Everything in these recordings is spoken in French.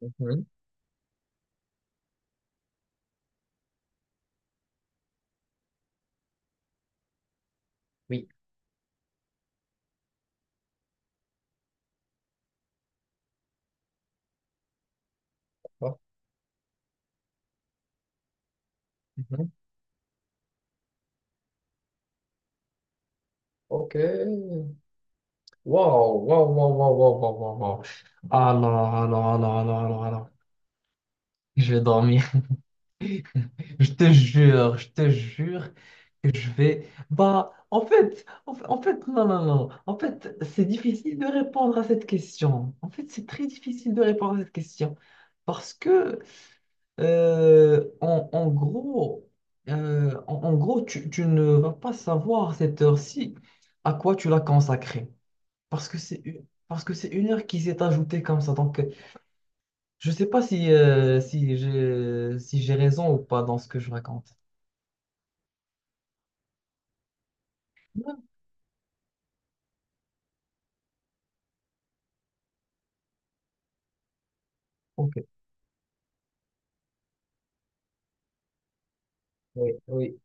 Mhm. Oui. Oh, mhm. OK. Wow, wow, wow, wow, wow, wow, wow, wow. Alors, alors, alors. Je vais dormir. Je te jure que je vais. Bah, en fait, non, non, non. En fait, c'est difficile de répondre à cette question. En fait, c'est très difficile de répondre à cette question. Parce que, en gros, en gros, tu ne vas pas savoir à cette heure-ci à quoi tu l'as consacrée. Parce que c'est une heure qui s'est ajoutée comme ça. Donc, je sais pas si, si j'ai si j'ai raison ou pas dans ce que je raconte. Non. Ok. Oui, oui,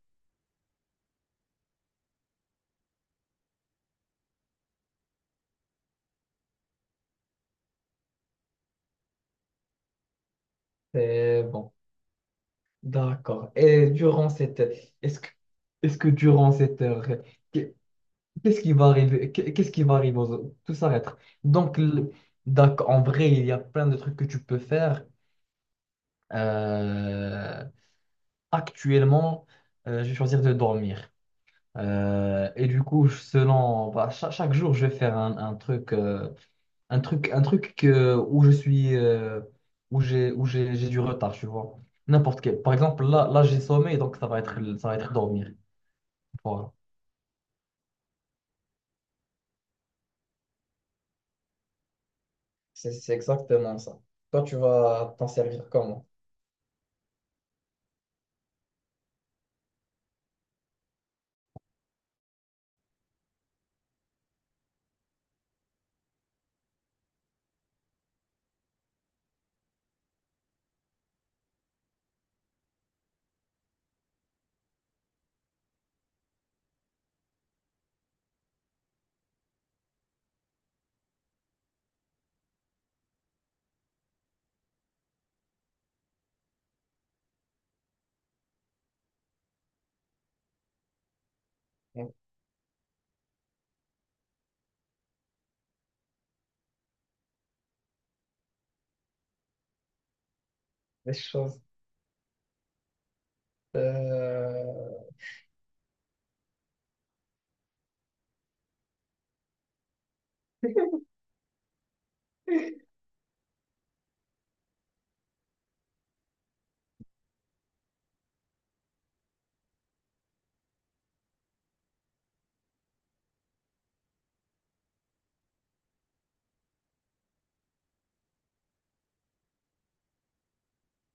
c'est bon. D'accord. Et durant cette est-ce que est-ce que durant cette heure, qu'est- qu'est-ce qui va arriver? Qu'est-ce qui va arriver aux... Tout s'arrête. Donc, le- d'accord, en vrai, il y a plein de trucs que tu peux faire. Euh, Actuellement, je vais choisir de dormir. Et du coup, selon, bah, chaque jour, je vais faire un truc, un truc que, où je suis, où j'ai du retard, tu vois. N'importe quel. Par exemple, là, là, j'ai sommeil, donc ça va être, ça va être dormir. Voilà. C'est exactement ça. Toi, tu vas t'en servir comment? Donc, des choses. euh,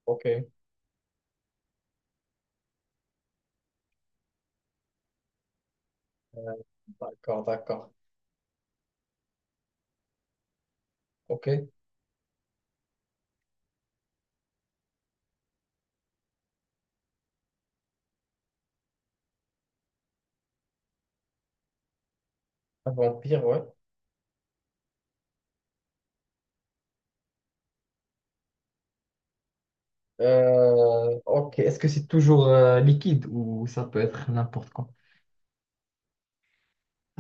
Ok, euh, d'accord, d'accord. Ok, un vampire, ouais. Ok, est-ce que c'est toujours liquide ou ça peut être n'importe quoi?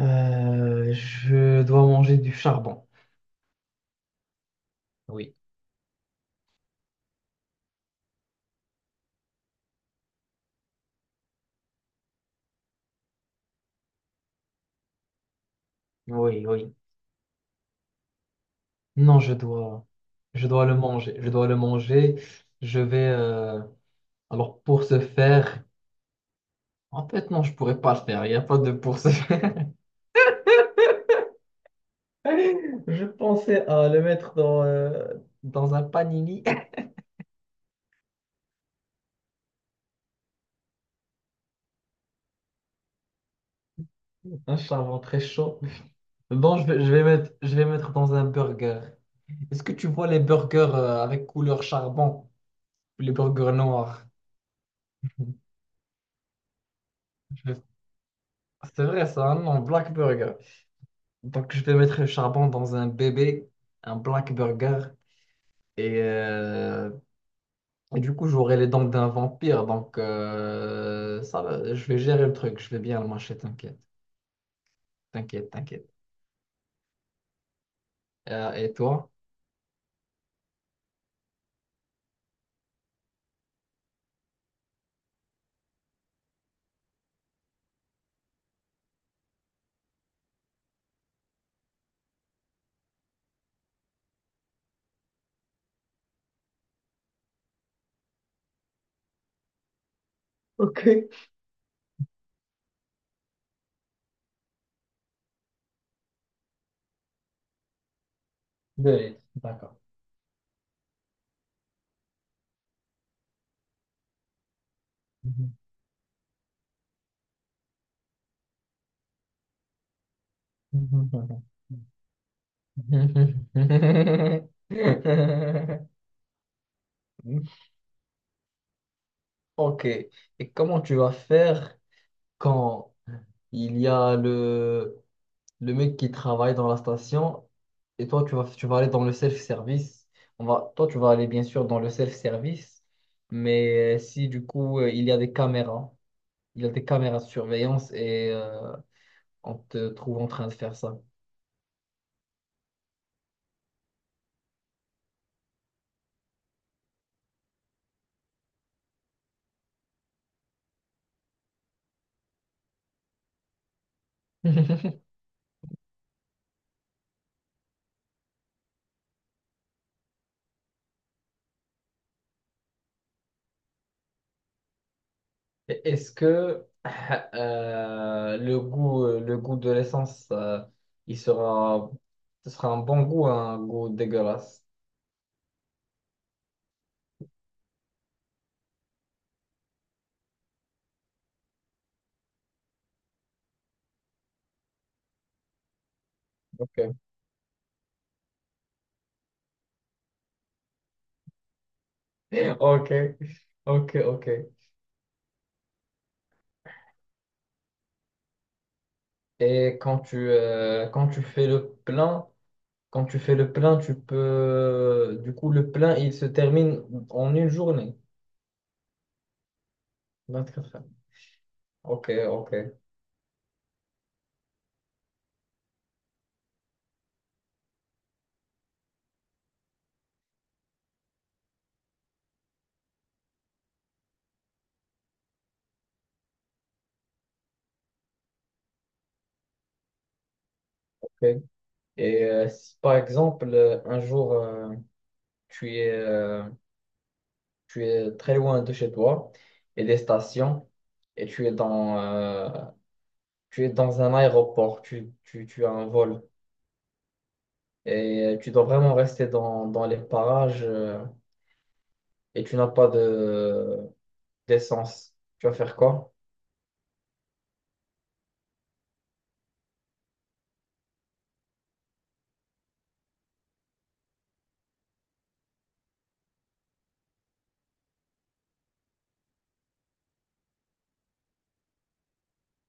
Je dois manger du charbon. Oui, oui, oui. Non, je dois le manger. Je dois le manger. Je vais. Alors pour ce faire, en fait non, je pourrais pas le faire. Il n'y a pas de pour ce faire. Je pensais à le mettre dans, dans un panini. Un charbon très chaud. Bon, je vais mettre dans un burger. Est-ce que tu vois les burgers avec couleur charbon, les burgers noirs? Je- vais- C'est vrai ça, hein? Non, Black Burger. Donc, je vais mettre le charbon dans un bébé, un black burger, et, euh, et du coup, j'aurai les dents d'un vampire. Donc, ça va, je vais gérer le truc, je vais bien le mâcher, t'inquiète, t'inquiète. Et toi? Ok. Deux. D'accord. Ok. Et comment tu vas faire quand il y a le mec qui travaille dans la station et toi tu vas aller dans le self-service. On va toi tu vas aller bien sûr dans le self-service, mais si du coup il y a des caméras, il y a des caméras de surveillance et on te trouve en train de faire ça. Est-ce que le goût de l'essence il sera ce sera un bon goût, un goût dégueulasse? Ok, ok, ok. Ok. Et quand quand tu fais le plein, quand tu fais le plein, tu peux... Du coup, le plein, il se termine en une journée, 24 heures. Ok, ok, ok. Et si par exemple, un jour, tu es, euh, tu es très loin de chez toi et des stations, et tu es dans un aéroport, tu as un vol, et tu dois vraiment rester dans les parages, et tu n'as pas de d'essence. Tu vas faire quoi?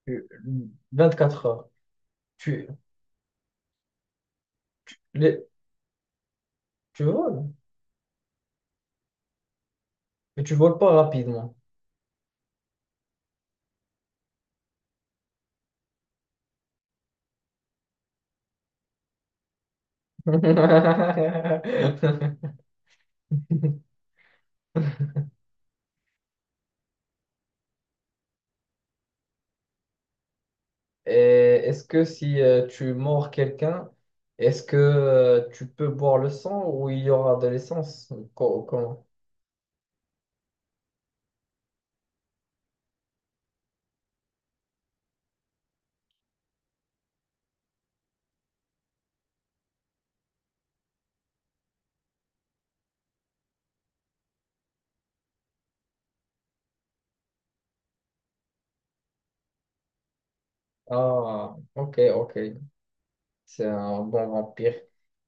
Tu- quatre heures. Tu, les- tu voles, mais tu voles pas rapidement. Et est-ce que si tu mords quelqu'un, est-ce que tu peux boire le sang ou il y aura de l'essence? Comment? Ah, ok, ok. C'est un bon vampire.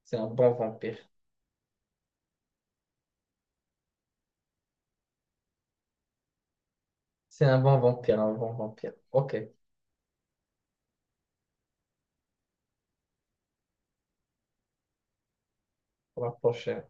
C'est un bon vampire. C'est un bon vampire, un bon vampire. Ok, pour la prochaine.